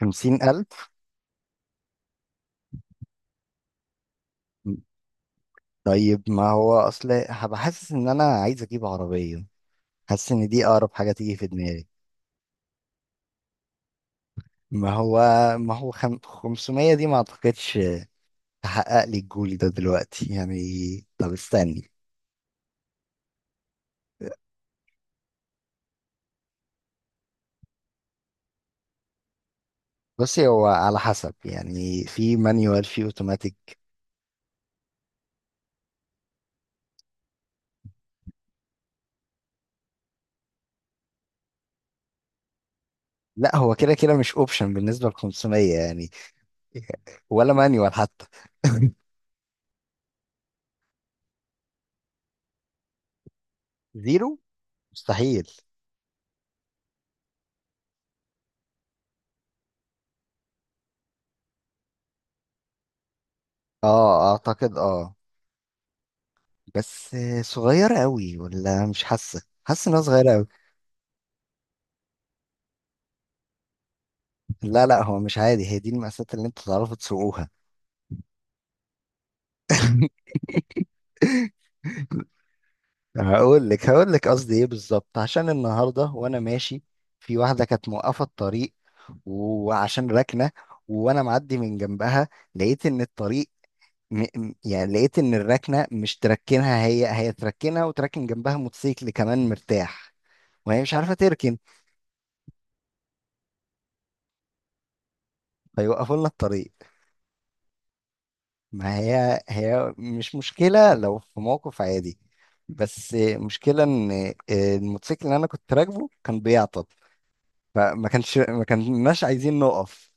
خمسين ألف. طيب، ما هو أصل هبقى حاسس إن أنا عايز أجيب عربية. حاسس إن دي أقرب حاجة تيجي في دماغي. ما هو ما هو خم... 500 دي ما أعتقدش تحقق لي الجول ده دلوقتي يعني. طب استني. بصي، هو على حسب يعني، في مانيوال في اوتوماتيك. لا، هو كده كده مش اوبشن بالنسبة ل 500 يعني، ولا مانيوال حتى. زيرو مستحيل. اه اعتقد، اه. بس صغيرة قوي، ولا مش حاسة حاسس انها صغيرة قوي؟ لا لا، هو مش عادي، هي دي المقاسات اللي انتوا تعرفوا تسوقوها. هقول لك هقول لك قصدي ايه بالظبط. عشان النهاردة وانا ماشي، في واحدة كانت موقفة الطريق، وعشان راكنة وانا معدي من جنبها، لقيت ان الطريق يعني لقيت ان الراكنة مش تركنها، هي تركنها وتركن جنبها موتوسيكل كمان مرتاح، وهي مش عارفة تركن، فيوقفوا لنا الطريق. ما هي، هي مش مشكلة لو في موقف عادي، بس مشكلة ان الموتوسيكل اللي انا كنت راكبه كان بيعطل، فما كانش ما كناش عايزين نقف.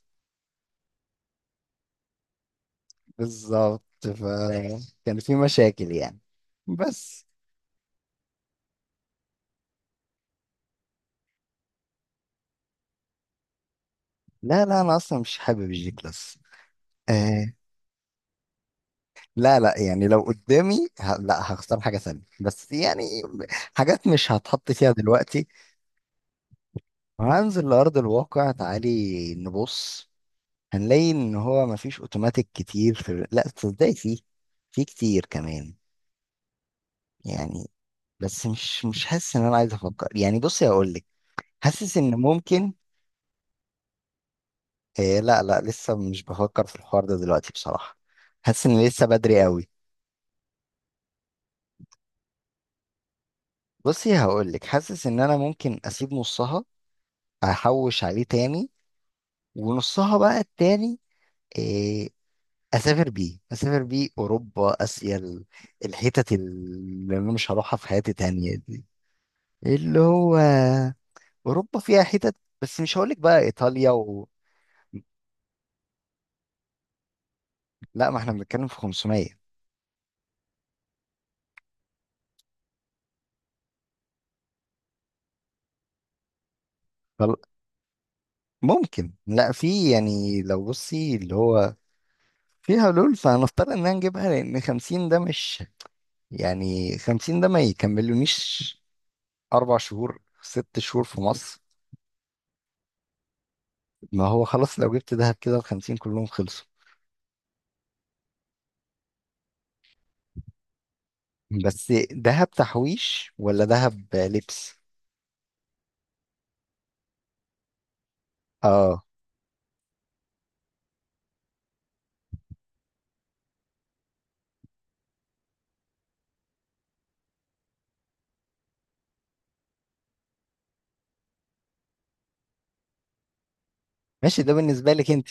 بالظبط، فكان في مشاكل يعني، بس. لا لا، انا اصلا مش حابب الجي كلاس. آه لا لا يعني، لو قدامي لا، هختار حاجة تانية، بس يعني حاجات مش هتحط فيها دلوقتي. وهنزل لأرض الواقع، تعالي نبص. هنلاقي ان هو مفيش اوتوماتيك كتير في لا تصدقي، فيه، في كتير كمان يعني. بس مش حاسس ان انا عايز افكر يعني. بصي هقول لك، حاسس ان ممكن. آه لا لا، لسه مش بفكر في الحوار ده دلوقتي بصراحة. حاسس ان لسه بدري قوي. بصي هقول لك، حاسس ان انا ممكن اسيب نصها، احوش عليه تاني، ونصها بقى التاني، آه، اسافر بيه، اسافر بيه اوروبا، اسيا، الحتت اللي انا مش هروحها في حياتي تانية دي. اللي هو اوروبا فيها حتت، بس مش هقولك بقى ايطاليا لا، ما احنا بنتكلم في 500. طل... ممكن، لا، في يعني، لو بصي اللي هو في حلول، فهنضطر ان نجيبها، لان 50 ده مش يعني، 50 ده ما يكملونيش اربع شهور، ست شهور في مصر. ما هو خلاص، لو جبت دهب كده ال 50 كلهم خلصوا. بس دهب تحويش ولا دهب لبس؟ اه. ماشي، ده بالنسبة لك انت.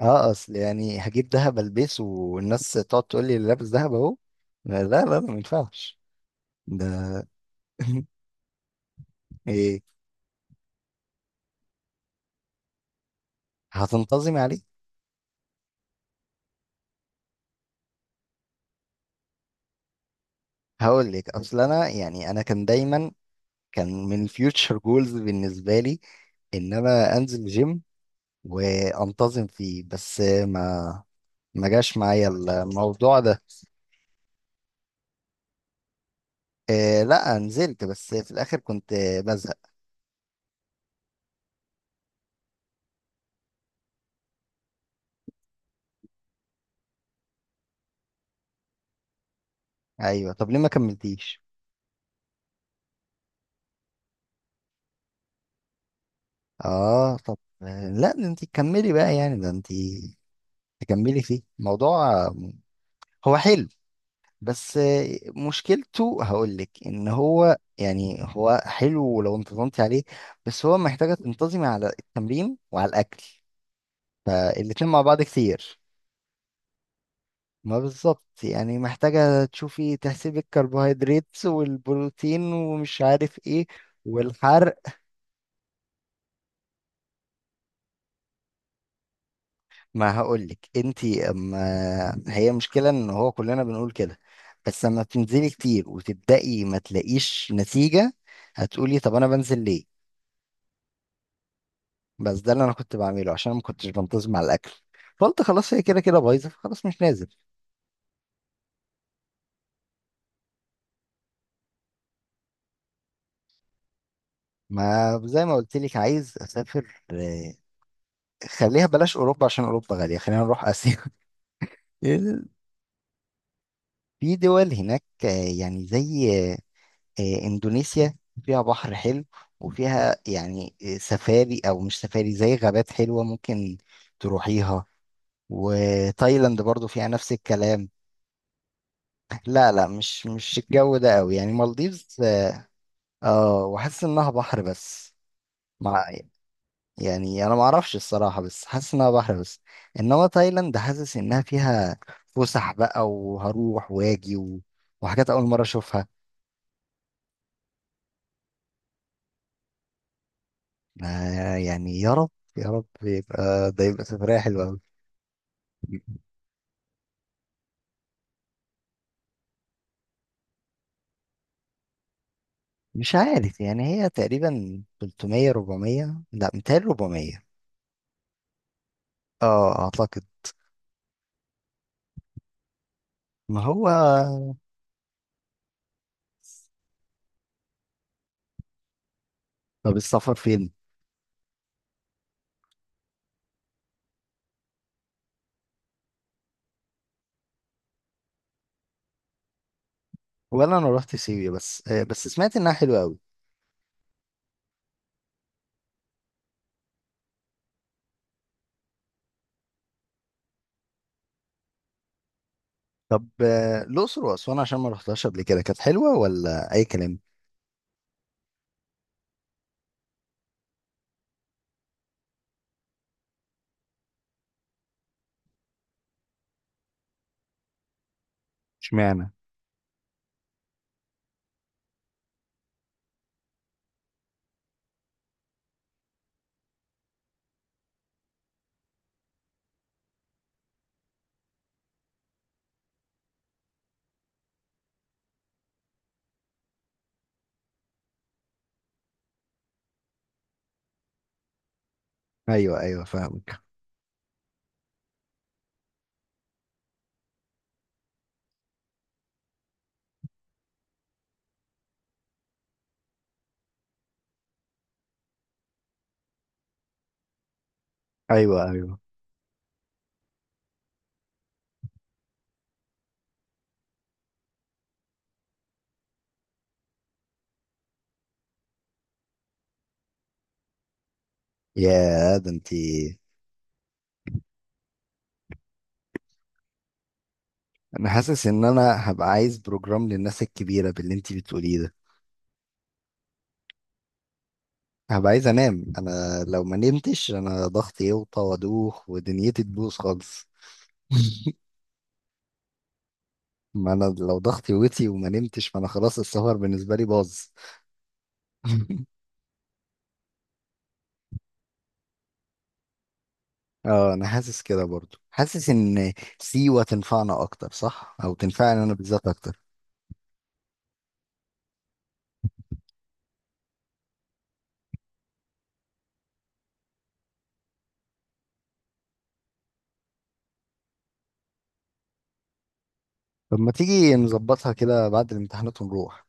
اه اصل يعني، هجيب دهب البسه والناس تقعد تقول لي: اللي لابس دهب اهو؟ لا لا لا، ما ينفعش ده. ايه؟ هتنتظمي عليه؟ هقول لك، اصل انا يعني، انا كان دايما، كان من الفيوتشر جولز بالنسبه لي ان انا انزل جيم وانتظم فيه، بس ما جاش معايا الموضوع ده. إيه، لا نزلت، بس في الاخر كنت بزهق. ايوه، طب ليه ما كملتيش؟ اه طب لا، ده انت كملي بقى يعني، ده انت تكملي فيه موضوع. هو حلو، بس مشكلته، هقول لك ان هو يعني، هو حلو لو انتظمتي عليه، بس هو محتاجة تنتظمي على التمرين وعلى الاكل، فالاتنين مع بعض كتير. ما بالظبط يعني، محتاجة تشوفي تحسبي الكربوهيدرات والبروتين ومش عارف ايه، والحرق. ما هقولك، انتي اما، هي مشكلة ان هو كلنا بنقول كده، بس لما بتنزلي كتير وتبدأي ما تلاقيش نتيجة، هتقولي طب انا بنزل ليه. بس ده اللي انا كنت بعمله، عشان ما كنتش بنتظم على الاكل، فقلت خلاص هي كده كده بايظة، خلاص مش نازل. ما زي ما قلت لك، عايز اسافر. خليها بلاش اوروبا، عشان اوروبا غالية، خلينا نروح اسيا. في دول هناك يعني زي إندونيسيا، فيها بحر حلو، وفيها يعني سفاري، أو مش سفاري، زي غابات حلوة ممكن تروحيها. وتايلاند برضو فيها نفس الكلام. لا لا، مش الجو ده قوي، يعني مالديفز. اه، وحاسس انها بحر بس، مع، يعني انا ما اعرفش الصراحة، بس حاسس انها بحر بس. انما تايلاند حاسس انها فيها فسح بقى، وهروح واجي وحاجات اول مرة اشوفها. آه يعني، يا رب، يا رب يبقى ده، يبقى سفرية حلوة. مش عارف يعني، هي تقريبا 300 400، لا 200 400. اه اعتقد. ما هو. طب السفر فين؟ ولا انا رحت سيوة، بس بس سمعت انها حلوة قوي. طب الاقصر واسوان، عشان ما رحتهاش قبل كده، كانت حلوة ولا اي كلام؟ اشمعنى؟ ايوه ايوه، فاهمك. ايوه ايوه. يا ده انتي. انا حاسس ان انا هبقى عايز بروجرام للناس الكبيرة باللي انتي بتقوليه ده. هبقى عايز انام، انا لو ما نمتش انا ضغطي يوطى وادوخ ودنيتي تبوظ خالص. ما انا لو ضغطي وطي وما نمتش، فانا خلاص السهر بالنسبه لي باظ. اه، انا حاسس كده برضو، حاسس ان سيوة تنفعنا اكتر، صح؟ او تنفعني انا بالذات اكتر. طب ما تيجي نظبطها كده بعد الامتحانات ونروح.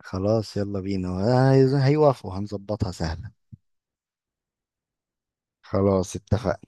خلاص يلا بينا، هيوافقوا، هنظبطها سهله. خلاص اتفق.